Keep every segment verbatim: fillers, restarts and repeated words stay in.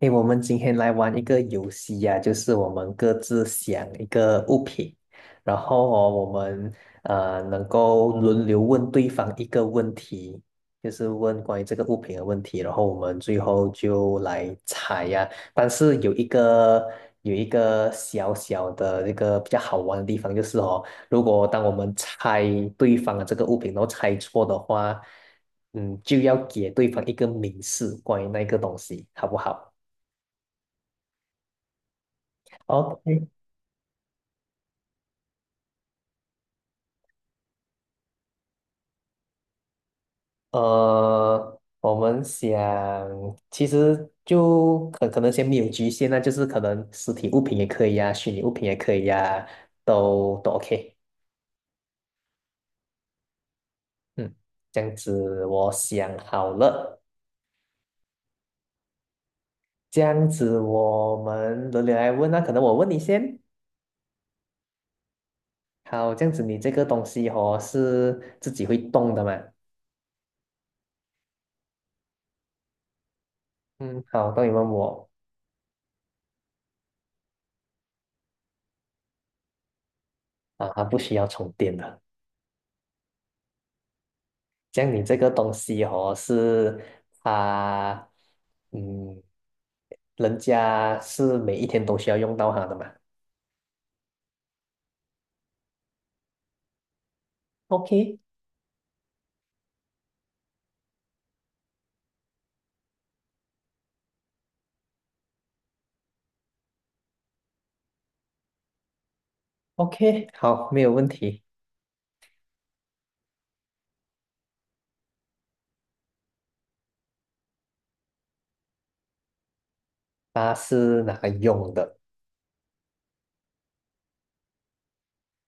诶，我们今天来玩一个游戏呀、就是我们各自想一个物品，然后哦，我们呃能够轮流问对方一个问题，就是问关于这个物品的问题，然后我们最后就来猜呀、但是有一个有一个小小的这个比较好玩的地方，就是哦，如果当我们猜对方的这个物品，然后猜错的话，嗯，就要给对方一个明示关于那个东西，好不好？OK，呃，我们想，其实就可可能先没有局限那就是可能实体物品也可以呀、虚拟物品也可以呀、都都 OK。嗯，这样子我想好了，这样子我们轮流来问那、可能我问你先。好，这样子你这个东西哦是自己会动的嘛？嗯，好，那你问我啊，它不需要充电的。这样你这个东西哦，是啊，嗯，人家是每一天都需要用到它的嘛？OK OK，好，没有问题。它是拿来用的。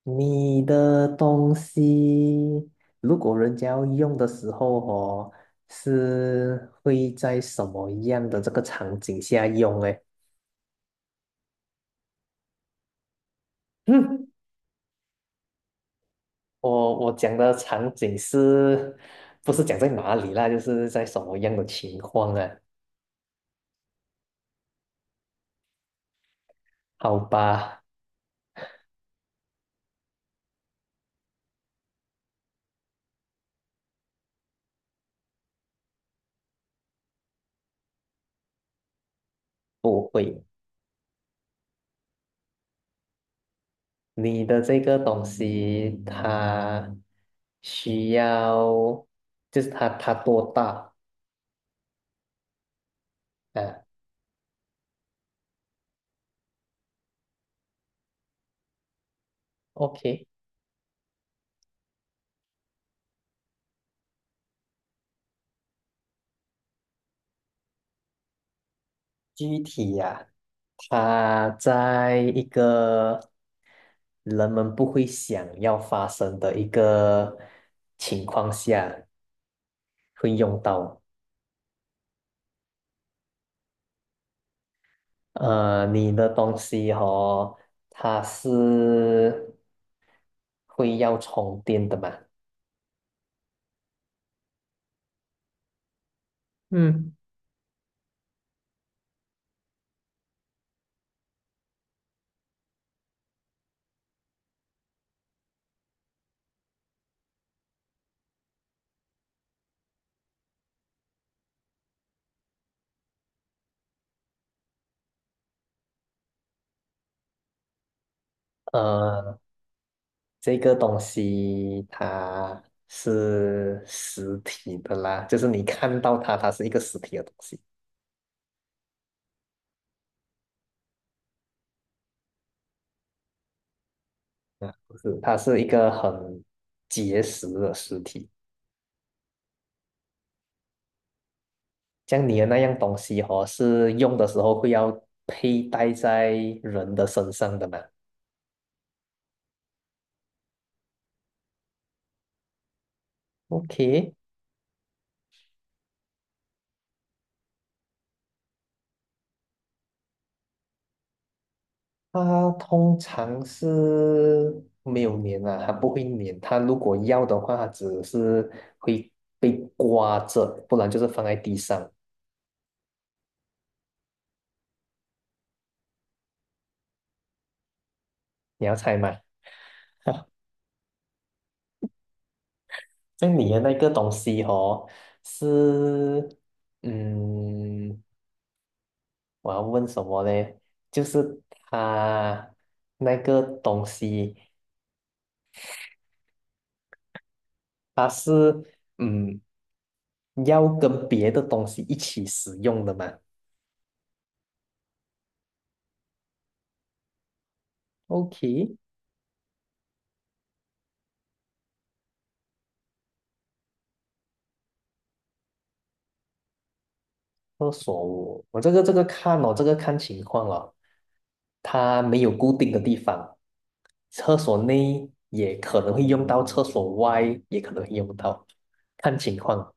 你的东西，如果人家要用的时候哦，是会在什么样的这个场景下用嘞？嗯，我我讲的场景是，不是讲在哪里啦？就是在什么样的情况啊？好吧，不会。你的这个东西，它需要，就是它它多大啊？OK，具体呀、它在一个人们不会想要发生的一个情况下会用到。呃，你的东西哦，它是会要充电的嘛？嗯，呃，这个东西它是实体的啦，就是你看到它，它是一个实体的东西啊，不是，它是一个很结实的实体。像你的那样东西哦，是用的时候会要佩戴在人的身上的嘛？OK，它通常是没有粘啊，它不会粘。它如果要的话，它只是会被刮着，不然就是放在地上。你要猜吗？那你的那个东西哦，是，嗯，我要问什么呢？就是它那个东西，它是嗯，要跟别的东西一起使用的嘛？OK，厕所我我这个这个看哦，这个看情况哦，它没有固定的地方，厕所内也可能会用到，厕所外也可能会用到，看情况。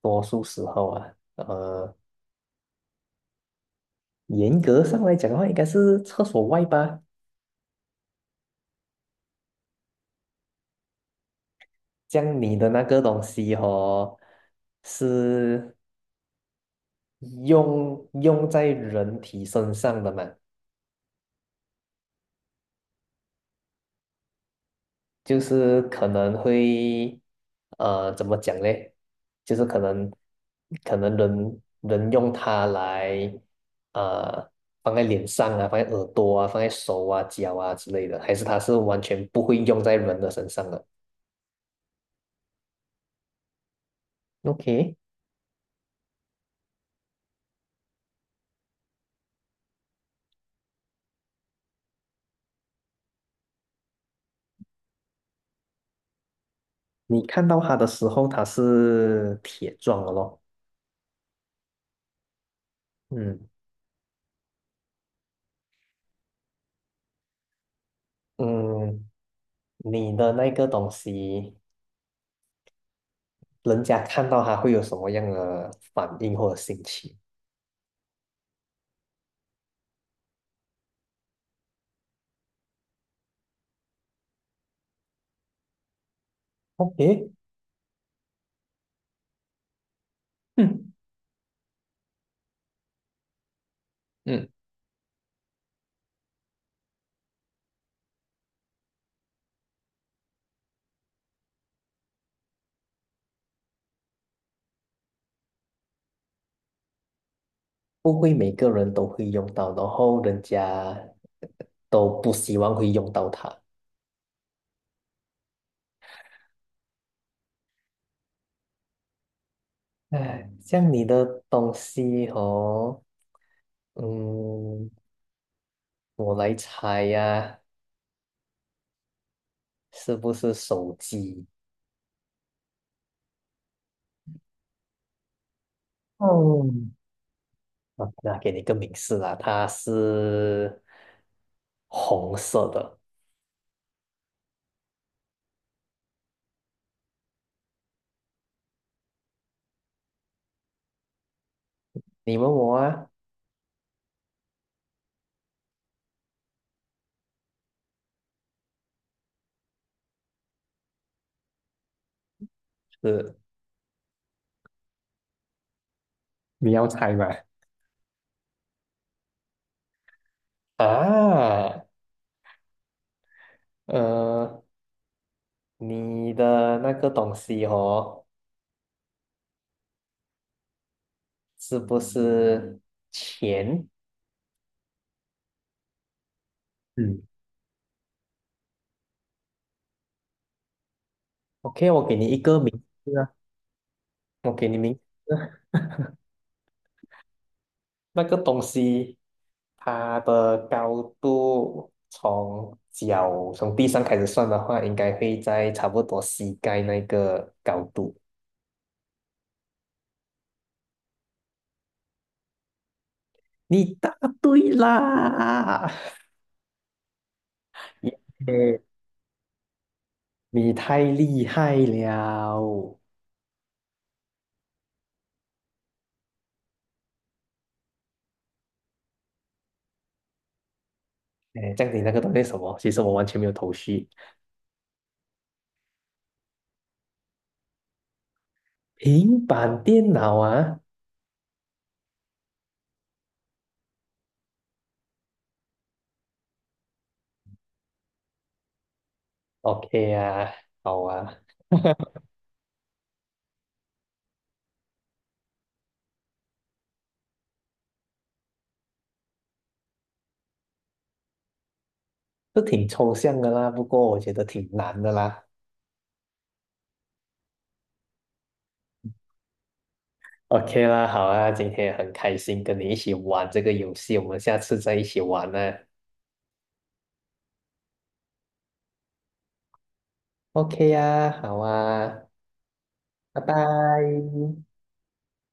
多数时候啊，呃，严格上来讲的话，应该是厕所外吧。这样你的那个东西哦，是用用在人体身上的嘛？就是可能会，呃，怎么讲嘞？就是可能可能人人用它来，呃，放在脸上啊，放在耳朵啊，放在手啊、脚啊之类的，还是它是完全不会用在人的身上的？OK。你看到它的时候，它是铁状的咯。嗯嗯，你的那个东西，人家看到它会有什么样的反应或者心情？OK，嗯嗯，不会每个人都会用到，然后人家都不希望会用到它。哎，像你的东西哦，嗯，我来猜呀、是不是手机？哦，啊，那给你个明示啦，它是红色的。你问我啊，是你要猜吗？啊，呃，你的那个东西哦，是不是钱嗯，？OK，我给你一个名字啊，我给你名字啊那个东西它的高度从脚从地上开始算的话，应该会在差不多膝盖那个高度。你答对啦！耶你太厉害了！哎，这样你那个东西是什么？其实我完全没有头绪。平板电脑啊，OK 啊，好啊，都挺抽象的啦，不过我觉得挺难的啦。OK 啦，好啊，今天很开心跟你一起玩这个游戏，我们下次再一起玩呢。OK 啊，好啊，拜拜。